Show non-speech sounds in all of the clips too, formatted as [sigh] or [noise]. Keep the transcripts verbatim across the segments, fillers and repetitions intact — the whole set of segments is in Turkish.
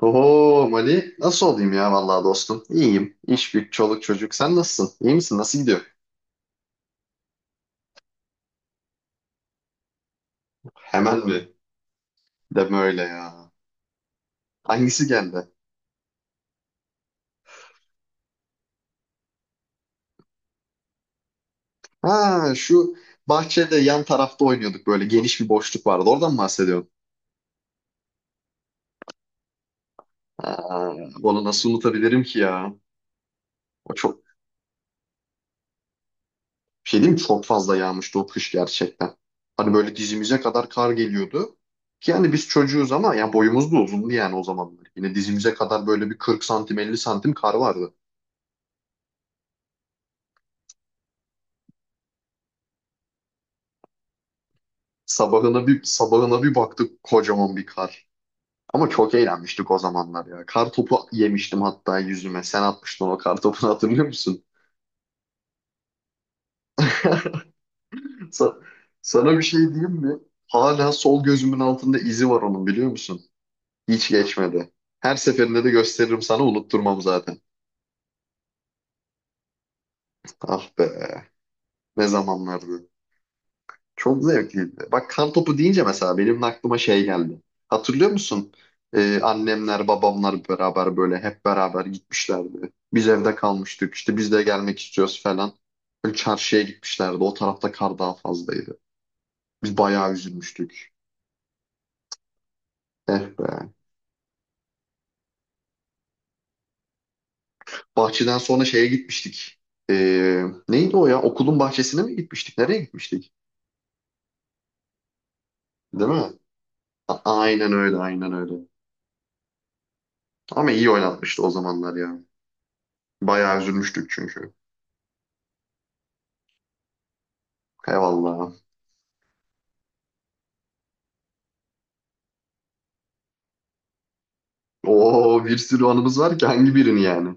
Oho Mali, nasıl olayım ya vallahi dostum? İyiyim. İş güç, çoluk çocuk. Sen nasılsın? İyi misin? Nasıl gidiyor? Hemen mi? Deme öyle ya. Hangisi geldi? Ha şu bahçede yan tarafta oynuyorduk, böyle geniş bir boşluk vardı. Oradan mı bahsediyorsun? Ha, onu nasıl unutabilirim ki ya? O çok bir şey diyeyim mi? Çok fazla yağmıştı o kış gerçekten. Hani böyle dizimize kadar kar geliyordu. Ki yani biz çocuğuz ama yani boyumuz da uzundu yani o zamanlar. Yine dizimize kadar böyle bir kırk santim elli santim kar vardı. Sabahına bir sabahına bir baktık, kocaman bir kar. Ama çok eğlenmiştik o zamanlar ya. Kar topu yemiştim hatta yüzüme. Sen atmıştın o kar topunu, hatırlıyor musun? [laughs] Sa- Sana bir şey diyeyim mi? Hala sol gözümün altında izi var onun, biliyor musun? Hiç geçmedi. Her seferinde de gösteririm sana, unutturmam zaten. Ah be, ne zamanlardı. Çok zevkliydi. Bak, kar topu deyince mesela benim aklıma şey geldi. Hatırlıyor musun? Ee, annemler, babamlar beraber böyle hep beraber gitmişlerdi. Biz evde kalmıştık. İşte biz de gelmek istiyoruz falan. Böyle çarşıya gitmişlerdi. O tarafta kar daha fazlaydı. Biz bayağı üzülmüştük. Eh be. Bahçeden sonra şeye gitmiştik. Ee, neydi o ya? Okulun bahçesine mi gitmiştik? Nereye gitmiştik? Değil mi? A- aynen öyle, aynen öyle. Ama iyi oynatmıştı o zamanlar ya. Bayağı üzülmüştük çünkü. Eyvallah. Oo, bir sürü anımız var ki, hangi birini yani?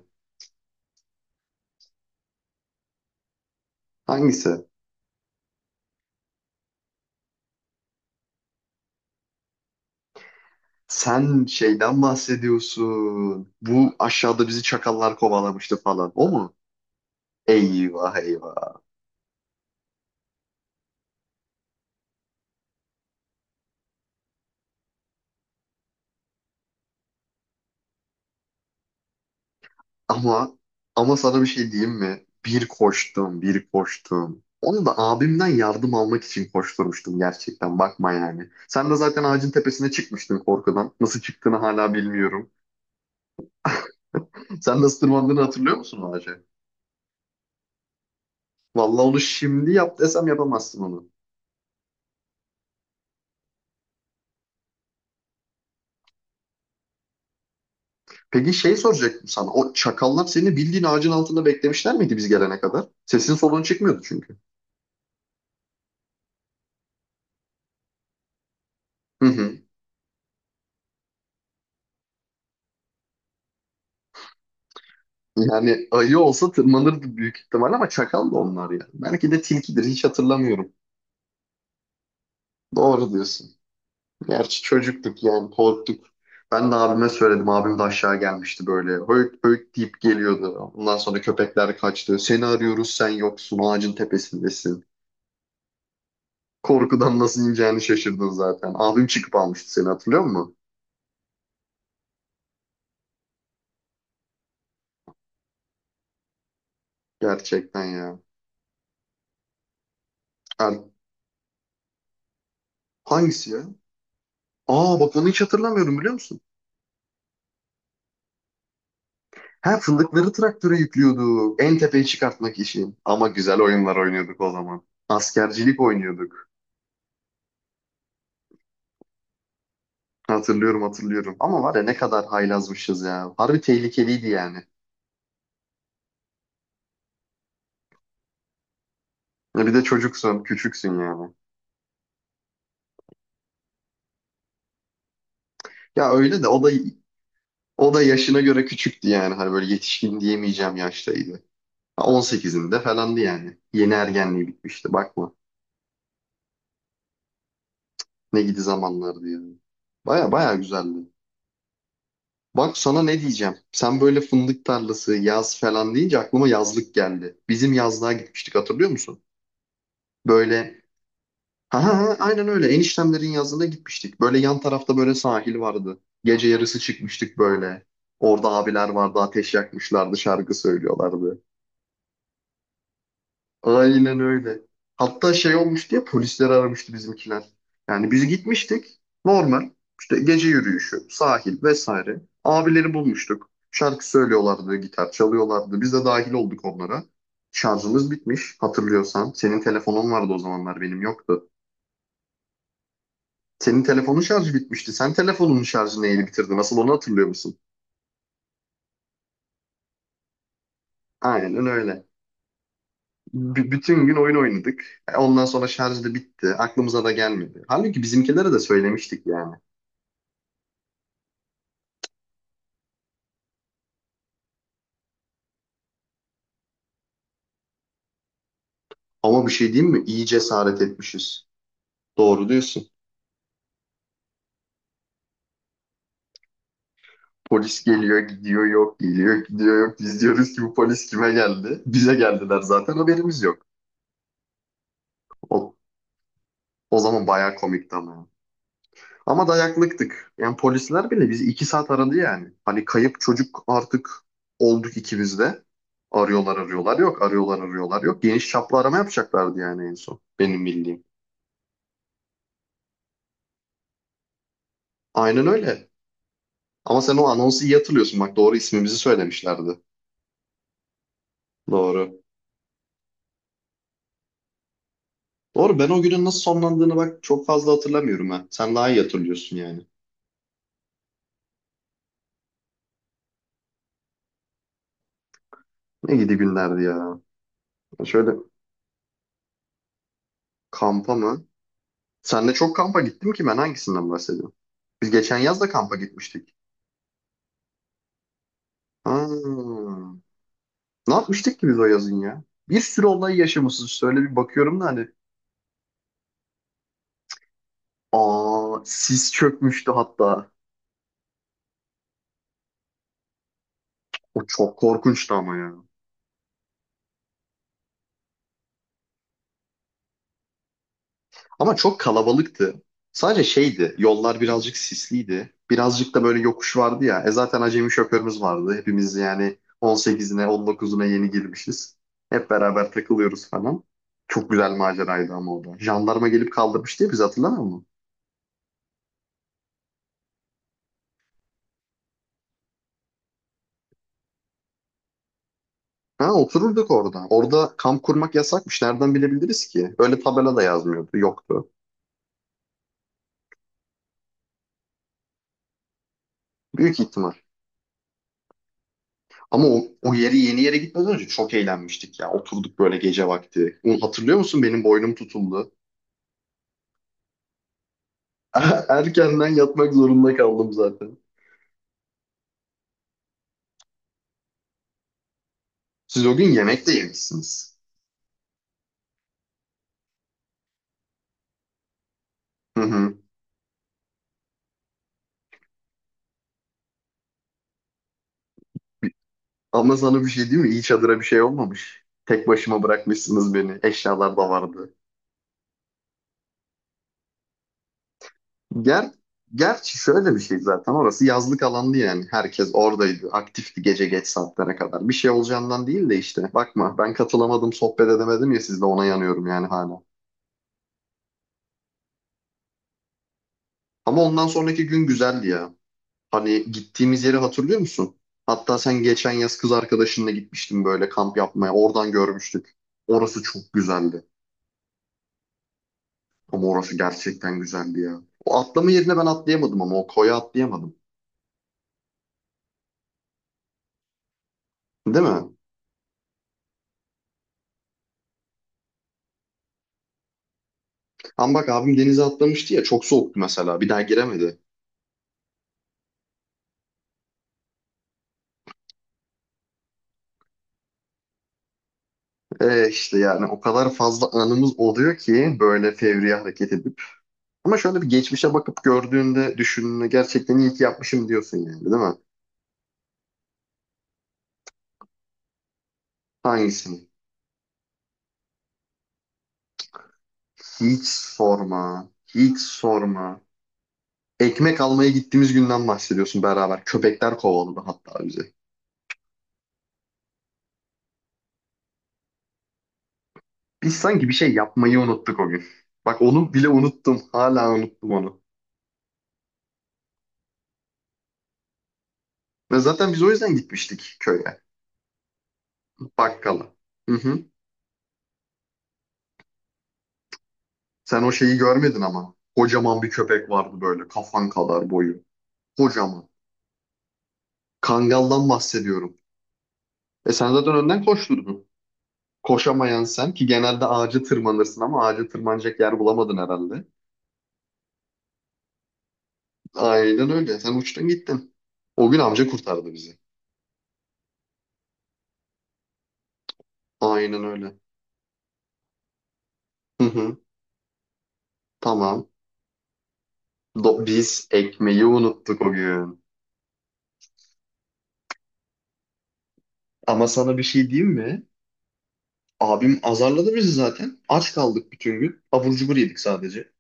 Hangisi? Sen şeyden bahsediyorsun. Bu aşağıda bizi çakallar kovalamıştı falan. O mu? Eyvah eyvah. Ama ama sana bir şey diyeyim mi? Bir koştum, bir koştum. Onu da abimden yardım almak için koşturmuştum gerçekten. Bakma yani. Sen de zaten ağacın tepesine çıkmıştın korkudan. Nasıl çıktığını hala bilmiyorum. Sen nasıl tırmandığını hatırlıyor musun o ağaca? Vallahi onu şimdi yap desem yapamazsın onu. Peki şey soracaktım sana. O çakallar seni bildiğin ağacın altında beklemişler miydi biz gelene kadar? Sesin soluğun çıkmıyordu çünkü. Hı hı. Yani ayı olsa tırmanırdı büyük ihtimal ama çakal da onlar ya. Belki de tilkidir, hiç hatırlamıyorum. Doğru diyorsun. Gerçi çocuktuk yani, korktuk. Ben de abime söyledim. Abim de aşağı gelmişti böyle. Höyt höyt deyip geliyordu. Ondan sonra köpekler kaçtı. Seni arıyoruz, sen yoksun, ağacın tepesindesin. Korkudan nasıl ineceğini şaşırdın zaten. Abim çıkıp almıştı seni, hatırlıyor musun? Gerçekten ya. Er- hangisi ya? Aa bak, onu hiç hatırlamıyorum, biliyor musun? Ha, fındıkları traktöre yüklüyorduk. En tepeye çıkartmak için. Ama güzel oyunlar oynuyorduk o zaman. Askercilik oynuyorduk. Hatırlıyorum hatırlıyorum. Ama var ya, ne kadar haylazmışız ya. Harbi tehlikeliydi yani. Ya bir de çocuksun, küçüksün yani. Ya öyle de o da o da yaşına göre küçüktü yani. Hani böyle yetişkin diyemeyeceğim yaştaydı. Ha, on sekizinde falandı yani. Yeni ergenliği bitmişti, bakma. Ne gidi zamanlardı yani. Baya baya güzeldi. Bak sana ne diyeceğim. Sen böyle fındık tarlası, yaz falan deyince aklıma yazlık geldi. Bizim yazlığa gitmiştik, hatırlıyor musun? Böyle ha ha ha, aynen öyle, eniştemlerin yazlığına gitmiştik. Böyle yan tarafta böyle sahil vardı. Gece yarısı çıkmıştık böyle. Orada abiler vardı, ateş yakmışlardı, şarkı söylüyorlardı. Aynen öyle. Hatta şey olmuş diye polisleri aramıştı bizimkiler. Yani biz gitmiştik. Normal. İşte gece yürüyüşü, sahil vesaire. Abileri bulmuştuk. Şarkı söylüyorlardı, gitar çalıyorlardı. Biz de dahil olduk onlara. Şarjımız bitmiş, hatırlıyorsan. Senin telefonun vardı o zamanlar, benim yoktu. Senin telefonun şarjı bitmişti. Sen telefonunun şarjını yeni bitirdin. Nasıl, onu hatırlıyor musun? Aynen öyle. B- bütün gün oyun oynadık. E, Ondan sonra şarj da bitti. Aklımıza da gelmedi. Halbuki bizimkilere de söylemiştik yani. Ama bir şey diyeyim mi? İyi cesaret etmişiz. Doğru diyorsun. Polis geliyor, gidiyor, yok, geliyor, gidiyor, yok. Biz diyoruz ki bu polis kime geldi? Bize geldiler zaten, haberimiz yok. O, o zaman bayağı komikti ama. Ama dayaklıktık. Yani polisler bile bizi iki saat aradı yani. Hani kayıp çocuk artık olduk ikimiz de. Arıyorlar arıyorlar yok, arıyorlar arıyorlar yok. Geniş çaplı arama yapacaklardı yani en son. Benim bildiğim. Aynen öyle. Ama sen o anonsu iyi hatırlıyorsun. Bak, doğru ismimizi söylemişlerdi. Doğru. Doğru, ben o günün nasıl sonlandığını bak çok fazla hatırlamıyorum ha. Sen daha iyi hatırlıyorsun yani. Ne gidi günlerdi ya. Şöyle, kampa mı? Senle çok kampa gittim ki, ben hangisinden bahsediyorum? Biz geçen yaz da kampa gitmiştik. Ha. Ne yapmıştık ki biz o yazın ya? Bir sürü olay yaşamışız. Şöyle bir bakıyorum da hani. Aa, sis çökmüştü hatta. O çok korkunçtu ama ya. Ama çok kalabalıktı. Sadece şeydi, yollar birazcık sisliydi. Birazcık da böyle yokuş vardı ya. E zaten acemi şoförümüz vardı. Hepimiz yani on sekizine, on dokuzuna yeni girmişiz. Hep beraber takılıyoruz falan. Çok güzel maceraydı ama o da. Jandarma gelip kaldırmıştı ya bizi, hatırlamıyor musun? Ha, otururduk orada. Orada kamp kurmak yasakmış. Nereden bilebiliriz ki? Öyle tabela da yazmıyordu, yoktu. Büyük ihtimal. Ama o, o yeri, yeni yere gitmeden önce çok eğlenmiştik ya. Oturduk böyle gece vakti. Onu hatırlıyor musun, benim boynum tutuldu. [laughs] Erkenden yatmak zorunda kaldım zaten. Siz o gün yemek de yemişsiniz. Hı hı. Ama sana bir şey diyeyim mi? İyi, çadıra bir şey olmamış. Tek başıma bırakmışsınız beni. Eşyalar da vardı. Ger Gerçi şöyle bir şey zaten. Orası yazlık alandı yani. Herkes oradaydı. Aktifti gece geç saatlere kadar. Bir şey olacağından değil de işte. Bakma, ben katılamadım, sohbet edemedim ya sizle, ona yanıyorum yani hala. Ama ondan sonraki gün güzeldi ya. Hani gittiğimiz yeri hatırlıyor musun? Hatta sen geçen yaz kız arkadaşınla gitmiştin böyle kamp yapmaya. Oradan görmüştük. Orası çok güzeldi. Ama orası gerçekten güzeldi ya. O atlama yerine ben atlayamadım, ama o koya atlayamadım. Değil mi? Ama bak, abim denize atlamıştı ya, çok soğuktu mesela. Bir daha giremedi. E işte yani o kadar fazla anımız oluyor ki böyle fevri hareket edip. Ama şöyle bir geçmişe bakıp gördüğünde, düşündüğünde, gerçekten iyi ki yapmışım diyorsun yani, değil mi? Hangisini? Hiç sorma. Hiç sorma. Ekmek almaya gittiğimiz günden bahsediyorsun beraber. Köpekler kovaladı hatta bizi. Biz sanki bir şey yapmayı unuttuk o gün. Bak, onu bile unuttum. Hala unuttum onu. Ve zaten biz o yüzden gitmiştik köye. Bakkala. Hı hı. Sen o şeyi görmedin ama. Kocaman bir köpek vardı böyle. Kafan kadar boyu. Kocaman. Kangaldan bahsediyorum. E sen zaten önden koşturdun. Koşamayan sen ki genelde ağaca tırmanırsın, ama ağaca tırmanacak yer bulamadın herhalde. Aynen öyle. Sen uçtun gittin. O gün amca kurtardı bizi. Aynen öyle. Hı hı. Tamam. Do- biz ekmeği unuttuk o gün. Ama sana bir şey diyeyim mi? Abim azarladı bizi zaten. Aç kaldık bütün gün. Abur cubur yedik sadece.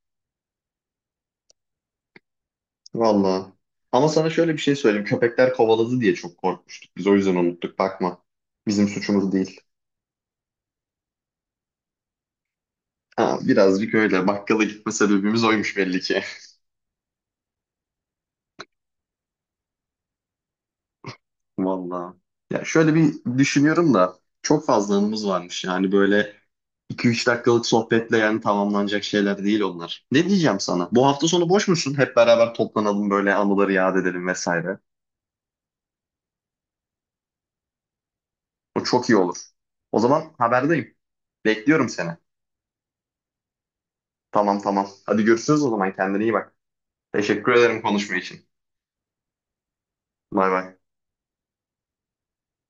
Vallahi. Ama sana şöyle bir şey söyleyeyim. Köpekler kovaladı diye çok korkmuştuk. Biz o yüzden unuttuk. Bakma. Bizim suçumuz değil. Ha, birazcık öyle. Bakkala gitme sebebimiz oymuş belli ki. [laughs] Vallahi. Ya şöyle bir düşünüyorum da çok fazla anımız varmış. Yani böyle iki üç dakikalık sohbetle yani tamamlanacak şeyler değil onlar. Ne diyeceğim sana? Bu hafta sonu boş musun? Hep beraber toplanalım, böyle anıları yad edelim vesaire. O çok iyi olur. O zaman haberdeyim. Bekliyorum seni. Tamam tamam. Hadi görüşürüz o zaman. Kendine iyi bak. Teşekkür ederim konuşma için. Bay bay.